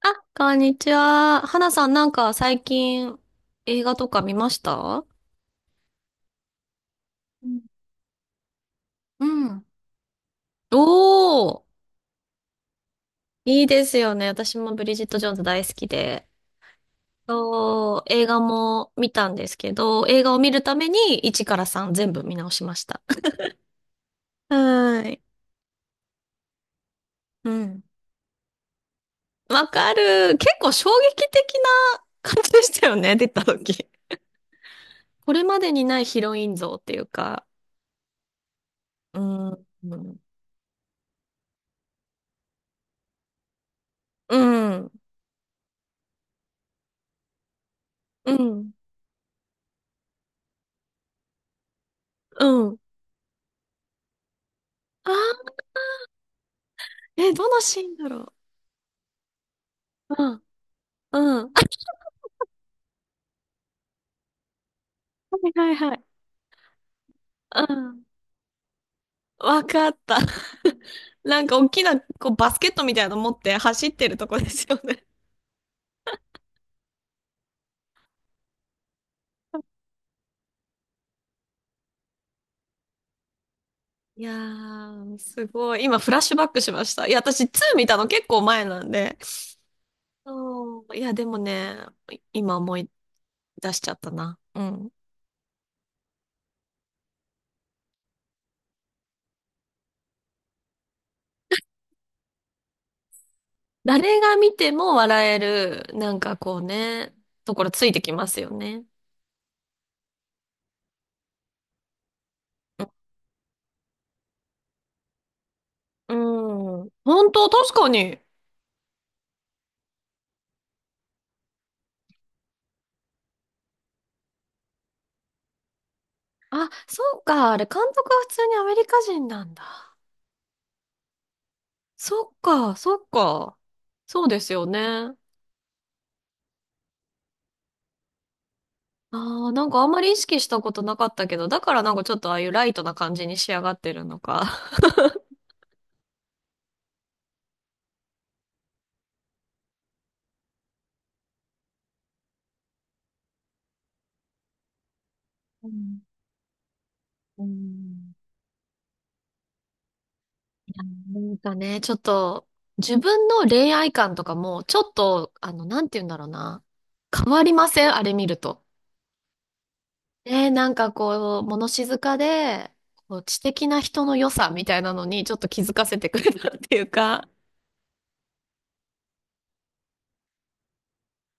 あ、こんにちは。花さん、最近映画とか見ました？うんうん、おー、いいですよね。私もブリジット・ジョーンズ大好きで。そう、映画も見たんですけど、映画を見るために1から3全部見直しました。はーい。うん。わかる。結構衝撃的な感じでしたよね、出た時。これまでにないヒロイン像っていうか、うん、うん、うん、うん。ああ、え、どのシーンだろう。うん。うん。あ、はいはいはい。うん。わかった。なんか大きなこうバスケットみたいなの持って走ってるとこですよね。いやー、すごい。今フラッシュバックしました。いや、私2見たの結構前なんで。そう。いや、でもね、今思い出しちゃったな。うん。誰が見ても笑える、こうね、ところついてきますよね。うん。本当、確かに。あ、そうか。あれ、監督は普通にアメリカ人なんだ。そっか、そっか。そうですよね。ああ、あんまり意識したことなかったけど、だからちょっとああいうライトな感じに仕上がってるのか。うん、うん、いや、ちょっと、自分の恋愛観とかも、ちょっと、なんて言うんだろうな。変わりませんあれ見ると。なんかこう、物静かで、こう知的な人の良さみたいなのに、ちょっと気づかせてくれたっていうか。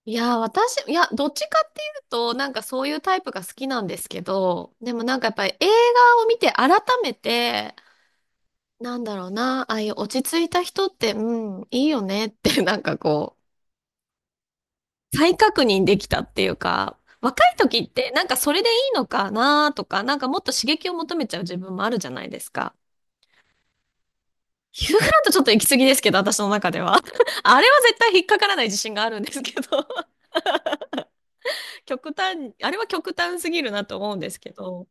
いやー、私、いや、どっちかっていうと、そういうタイプが好きなんですけど、でもやっぱり映画を見て改めて、なんだろうな、ああいう落ち着いた人って、うん、いいよねって、なんかこう、再確認できたっていうか、若い時ってなんかそれでいいのかなとか、なんかもっと刺激を求めちゃう自分もあるじゃないですか。ヒューガラントちょっと行き過ぎですけど、私の中では。あれは絶対引っかからない自信があるんですけど、極端、あれは極端すぎるなと思うんですけど。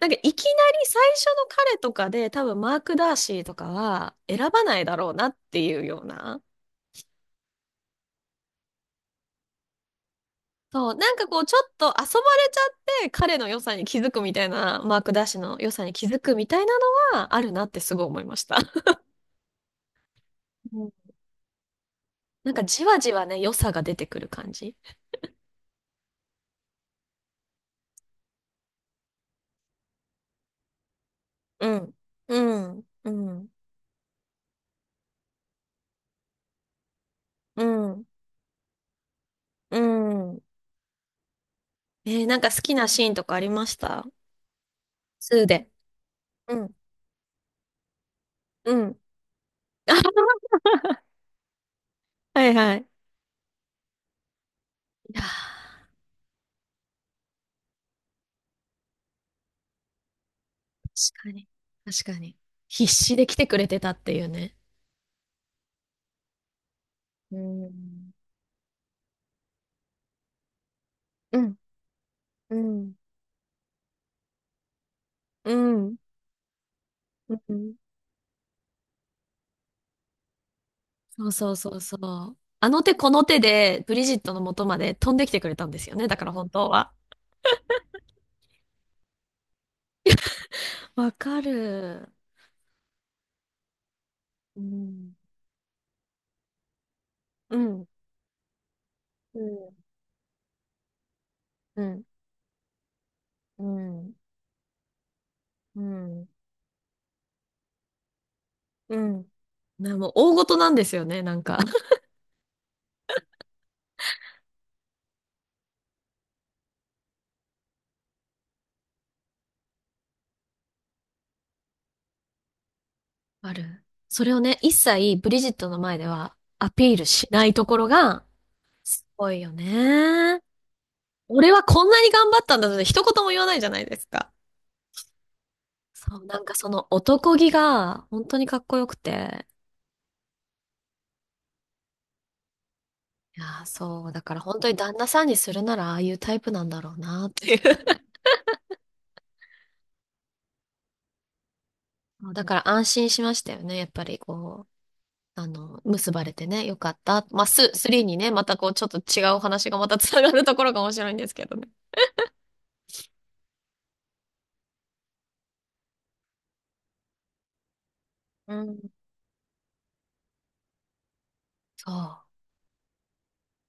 いきなり最初の彼とかで多分マーク・ダーシーとかは選ばないだろうなっていうような。そう、なんかこうちょっと遊ばれちゃって彼の良さに気づくみたいな、マーク・ダーシーの良さに気づくみたいなのはあるなってすごい思いました。うん、なんかじわじわね、良さが出てくる感じ。うん。うん。うん。うん。うん。えー、なんか好きなシーンとかありました？スーで。うん。うん。はいはい。いやー、確かに。確かに。必死で来てくれてたっていうね。うん。うん。うん。うん。うん。そうそうそうそう。あの手この手でブリジットの元まで飛んできてくれたんですよね。だから本当は。わかる。うん。うん。うん。うん。うん。うん。うんな、もう大事なんですよね、なんか。ある。それをね、一切ブリジットの前ではアピールしないところが、すごいよね。俺はこんなに頑張ったんだって一言も言わないじゃないですか。そう、なんかその男気が本当にかっこよくて。いやー、そう、だから本当に旦那さんにするならああいうタイプなんだろうなっていう。だから安心しましたよね。やっぱりこう、あの、結ばれてね、よかった。まあ、ス、3にね、またこうちょっと違うお話がまたつながるところが面白いんですけどね。うん。そう。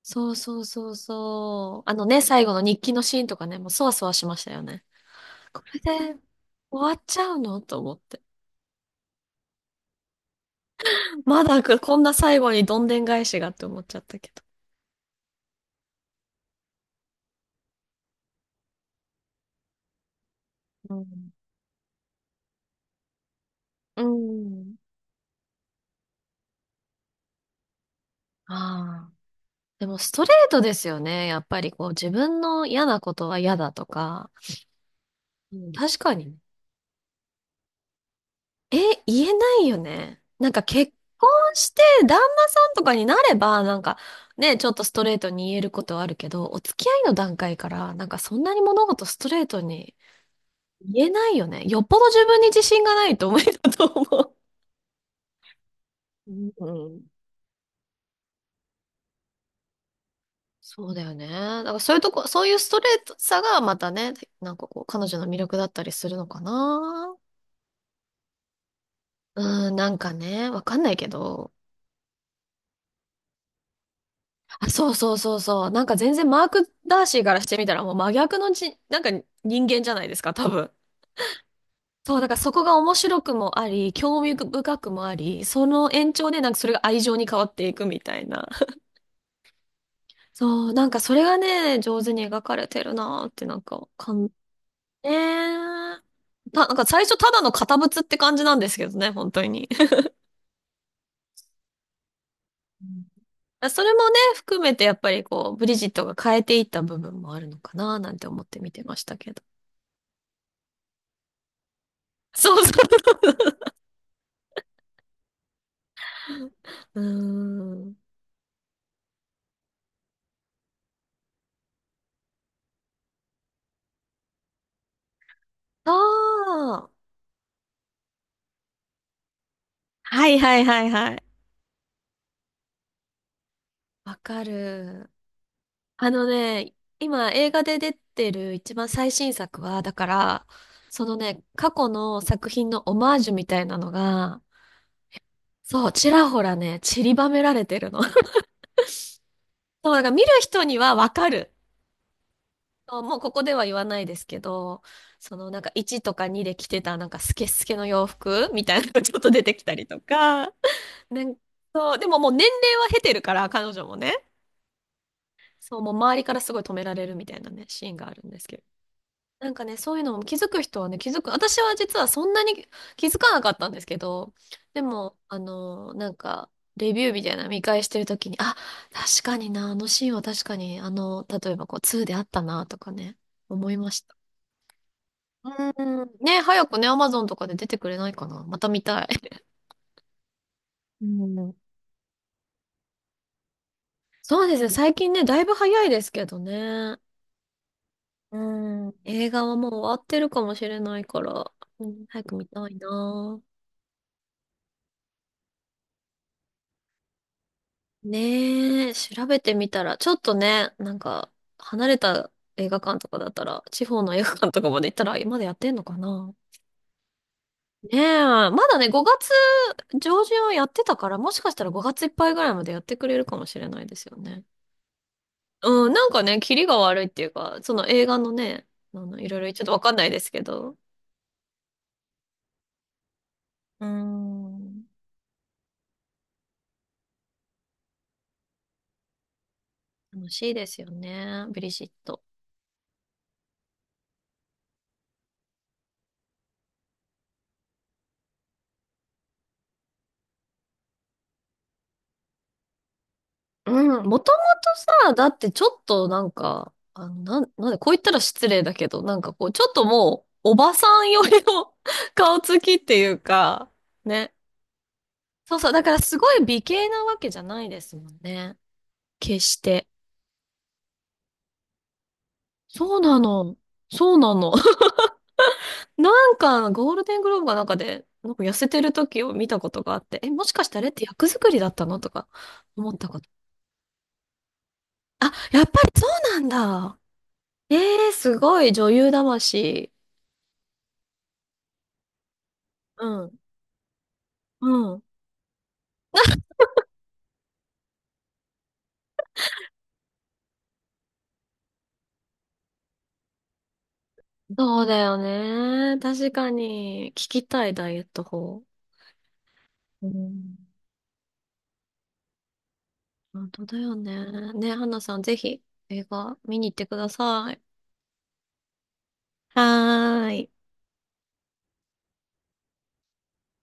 そうそうそうそう。あのね、最後の日記のシーンとかね、もうそわそわしましたよね。これで終わっちゃうのと思って。まだこんな最後にどんでん返しがって思っちゃったけど。うん。ど。うん。ああ。でもストレートですよね。やっぱりこう自分の嫌なことは嫌だとか。うん、確かに。え、言えないよね。なんか結婚して旦那さんとかになれば、なんかね、ちょっとストレートに言えることはあるけど、お付き合いの段階から、なんかそんなに物事ストレートに言えないよね。よっぽど自分に自信がないと無理だと思う。うん。そうだよね。だからそういうとこ、そういうストレートさがまたね、なんかこう、彼女の魅力だったりするのかな。うん、なんかね、わかんないけど。あ、そうそうそうそう。なんか全然マーク・ダーシーからしてみたらもう真逆のじ、なんか人間じゃないですか、多分。そう、だからそこが面白くもあり、興味深くもあり、その延長でなんかそれが愛情に変わっていくみたいな。そう、なんかそれがね、上手に描かれてるなーってなんか、かん、ねー、た、なんか最初ただの堅物って感じなんですけどね、本当に。うん、それもね、含めてやっぱりこう、ブリジットが変えていった部分もあるのかなーなんて思って見てましたけど。そうそう。うーん。ああ。はいはいはいはい。わかる。あのね、今映画で出てる一番最新作は、だから、そのね、過去の作品のオマージュみたいなのが、そう、ちらほらね、散りばめられてるの。そう、だから見る人にはわかる。そうもうここでは言わないですけど、そのなんか1とか2で着てたなんかスケスケの洋服みたいなのがちょっと出てきたりとか、ね、そう、でももう年齢は経てるから、彼女もね、そう、もう周りからすごい止められるみたいなね、シーンがあるんですけど。なんかね、そういうのも気づく人はね、気づく。私は実はそんなに気づかなかったんですけど、でも、あの、なんか、レビューみたいなの見返してるときに、あ、確かにな、あのシーンは確かに、あの、例えばこう、2であったな、とかね、思いました。うん。ね、早くね、アマゾンとかで出てくれないかな。また見たい。うん。そうですね、最近ね、だいぶ早いですけどね。うん。映画はもう終わってるかもしれないから、うん、早く見たいな。ねえ、調べてみたら、ちょっとね、なんか、離れた映画館とかだったら、地方の映画館とかまで行ったら、まだやってんのかな。ねえ、まだね、5月上旬はやってたから、もしかしたら5月いっぱいぐらいまでやってくれるかもしれないですよね。うん、なんかね、キリが悪いっていうか、その映画のね、あの、いろいろちょっとわかんないですけど、うーん、楽しいですよね、ブリシット。うん、もともとさ、だってちょっとなんか、あの、なん、なんで、こう言ったら失礼だけど、なんかこう、ちょっともう、おばさんよりの 顔つきっていうか、ね。そうそう、だからすごい美形なわけじゃないですもんね。決して。そうなの。そうなの。なんか、ゴールデングローブかなんかで、なんか痩せてる時を見たことがあって、え、もしかしてあれって役作りだったのとか思ったこと。あ、やっぱりそうなんだ。えー、すごい女優魂。うん。うん。そうだよね。確かに。聞きたいダイエット法。うん。本当だよね。ね、花さん、ぜひ映画見に行ってください。はーい。